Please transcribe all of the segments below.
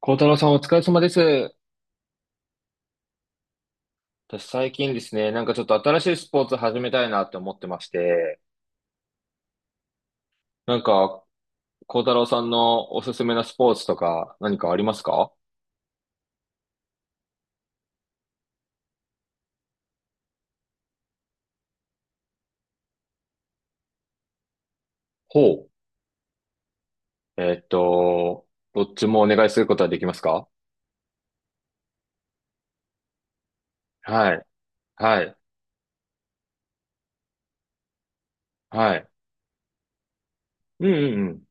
孝太郎さんお疲れ様です。私最近ですね、なんかちょっと新しいスポーツ始めたいなって思ってまして、なんか孝太郎さんのおすすめなスポーツとか何かありますか？ほう。どっちもお願いすることはできますか？はい。はい。はい。うんうんうん。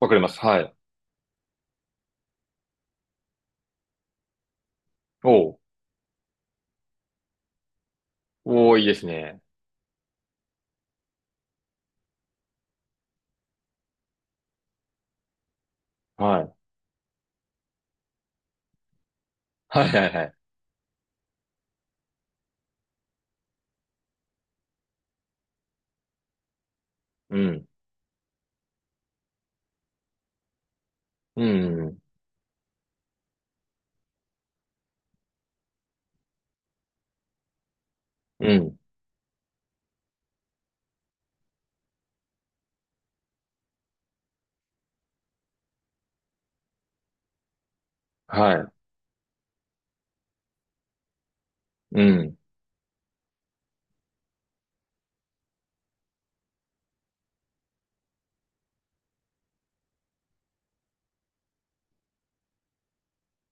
わかります。はい。おう。おー、いいですね。はい。はいはいはい。うん。うん。うん。はい。うん。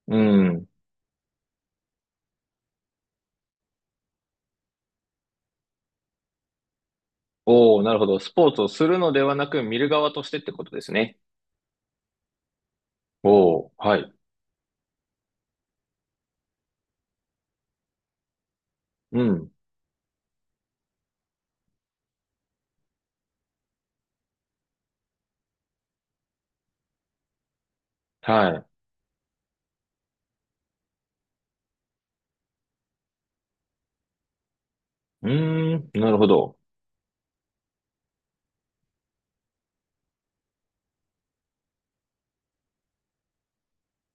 うん。おー、なるほど。スポーツをするのではなく見る側としてってことですね。おー、はい。うん。はい。うーん、なるほど。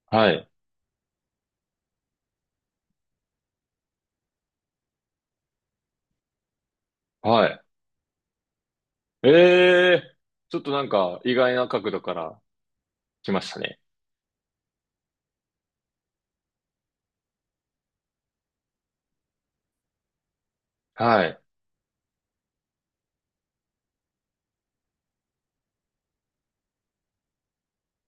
はい。はい。ええーちょっとなんか意外な角度から来ましたね。はい。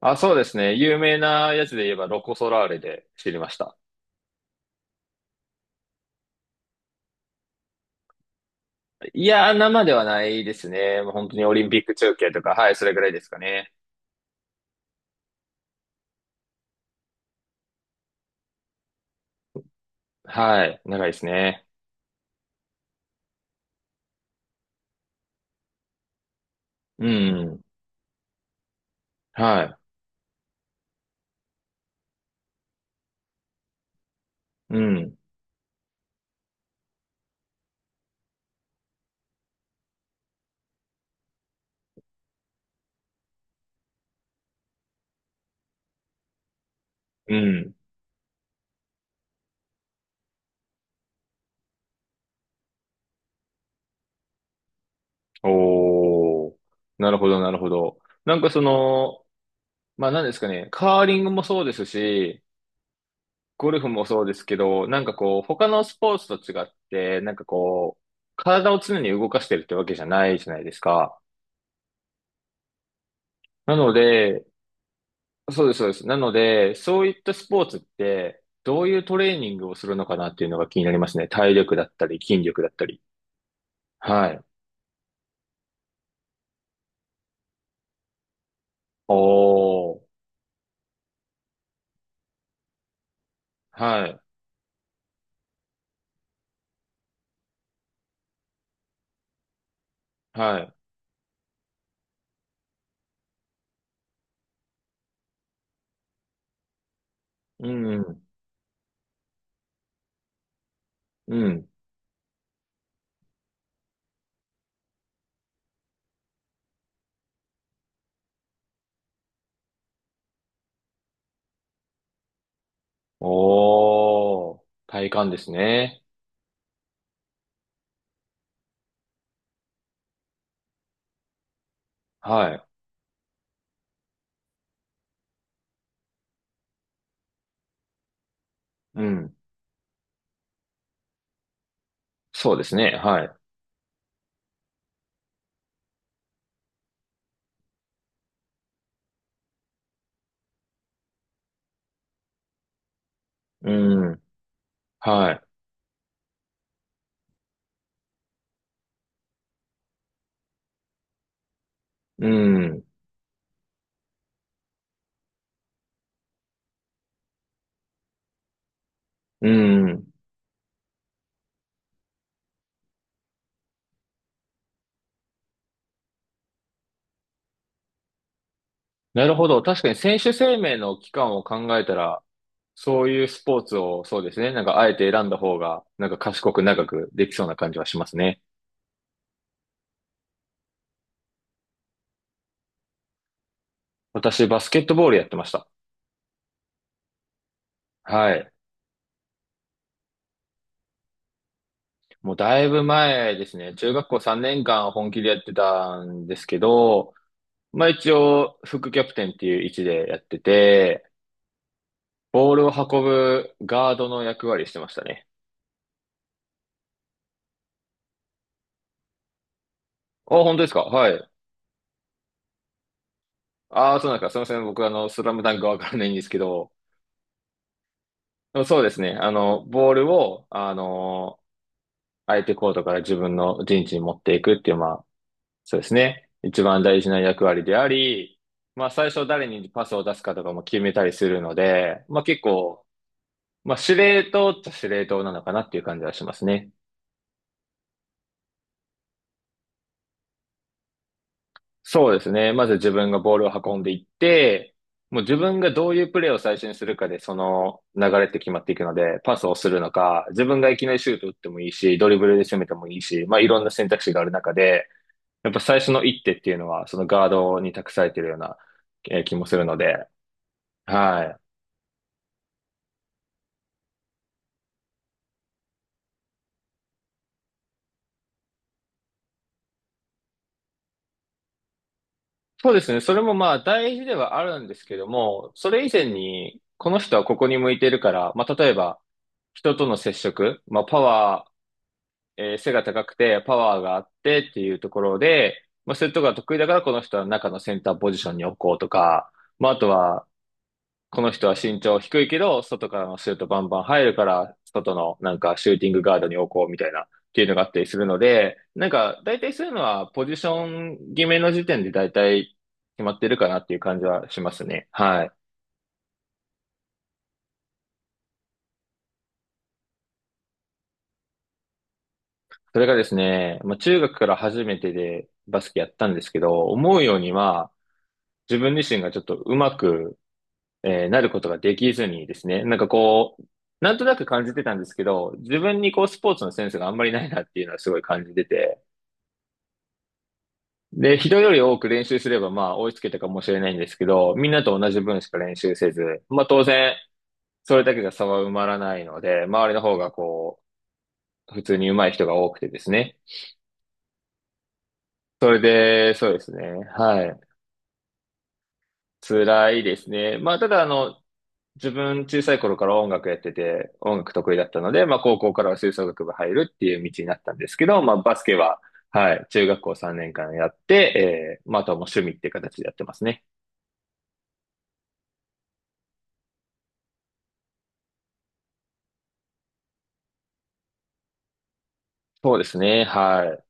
あ、そうですね。有名なやつで言えばロコ・ソラーレで知りました。いやー、生ではないですね。もう本当にオリンピック中継とか、はい、それぐらいですかね。はい。長いですね。うん。はい。うん。うん。おー。なるほど、なるほど。なんかその、まあ何ですかね。カーリングもそうですし、ゴルフもそうですけど、なんかこう、他のスポーツと違って、なんかこう、体を常に動かしてるってわけじゃないじゃないですか。なので、そうです、そうです。なので、そういったスポーツって、どういうトレーニングをするのかなっていうのが気になりますね。体力だったり、筋力だったり。はい。おー。はい。はい。うん、うん。うん。おー。体幹ですね。はい。うん。そうですね。はい。うん。はい。うん。うん。なるほど。確かに選手生命の期間を考えたら、そういうスポーツをそうですね。なんかあえて選んだ方が、なんか賢く長くできそうな感じはしますね。私、バスケットボールやってました。はい。もうだいぶ前ですね。中学校3年間本気でやってたんですけど、まあ一応、副キャプテンっていう位置でやってて、ボールを運ぶガードの役割してましたね。あ、本当ですか？はい。ああ、そうなんですか。すみません。僕、スラムダンクわからないんですけど、そうですね。ボールを、相手コートから自分の陣地に持っていくっていう、まあ、そうですね。一番大事な役割であり、まあ、最初誰にパスを出すかとかも決めたりするので、まあ、結構、まあ、司令塔っちゃ司令塔なのかなっていう感じはしますね。そうですね。まず自分がボールを運んでいって、もう自分がどういうプレーを最初にするかで、その流れって決まっていくので、パスをするのか、自分がいきなりシュート打ってもいいし、ドリブルで攻めてもいいし、まあいろんな選択肢がある中で、やっぱ最初の一手っていうのは、そのガードに託されているような、気もするので、はい。そうですね。それもまあ大事ではあるんですけども、それ以前に、この人はここに向いてるから、まあ例えば、人との接触、まあ、パワえー背が高くてパワーがあってっていうところで、まあ、そういうところが得意だからこの人は中のセンターポジションに置こうとか、まあ、あとはこの人は身長低いけど、外からのシュートバンバン入るから、外のなんかシューティングガードに置こうみたいなっていうのがあったりするので、なんか大体そういうのはポジション決めの時点で大体決まってるかなっていう感じはしますね。はい。それがですね、まあ、中学から初めてでバスケやったんですけど、思うようには自分自身がちょっとうまくなることができずにですね、なんかこう、なんとなく感じてたんですけど、自分にこうスポーツのセンスがあんまりないなっていうのはすごい感じてて、で、人より多く練習すればまあ追いつけたかもしれないんですけど、みんなと同じ分しか練習せず、まあ当然、それだけが差は埋まらないので、周りの方がこう、普通に上手い人が多くてですね。それで、そうですね。はい。辛いですね。まあ、ただ、自分小さい頃から音楽やってて、音楽得意だったので、まあ高校からは吹奏楽部入るっていう道になったんですけど、まあバスケは、はい、中学校3年間やって、まああとはもう趣味っていう形でやってますね。そうですね、はい。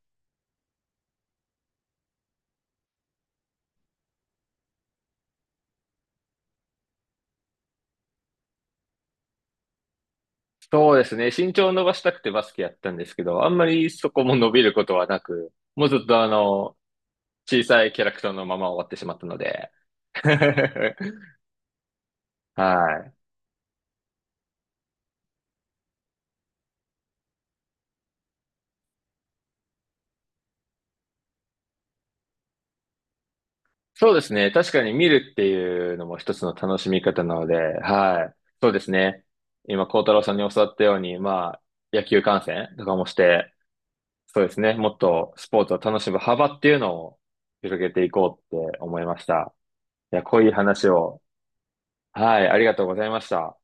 そうですね、身長を伸ばしたくてバスケやったんですけど、あんまりそこも伸びることはなく、もうずっと小さいキャラクターのまま終わってしまったので、はい。そうですね。確かに見るっていうのも一つの楽しみ方なので、はい。そうですね。今、孝太郎さんに教わったように、まあ、野球観戦とかもして、そうですね。もっとスポーツを楽しむ幅っていうのを広げていこうって思いました。いや、濃い話を、はい、ありがとうございました。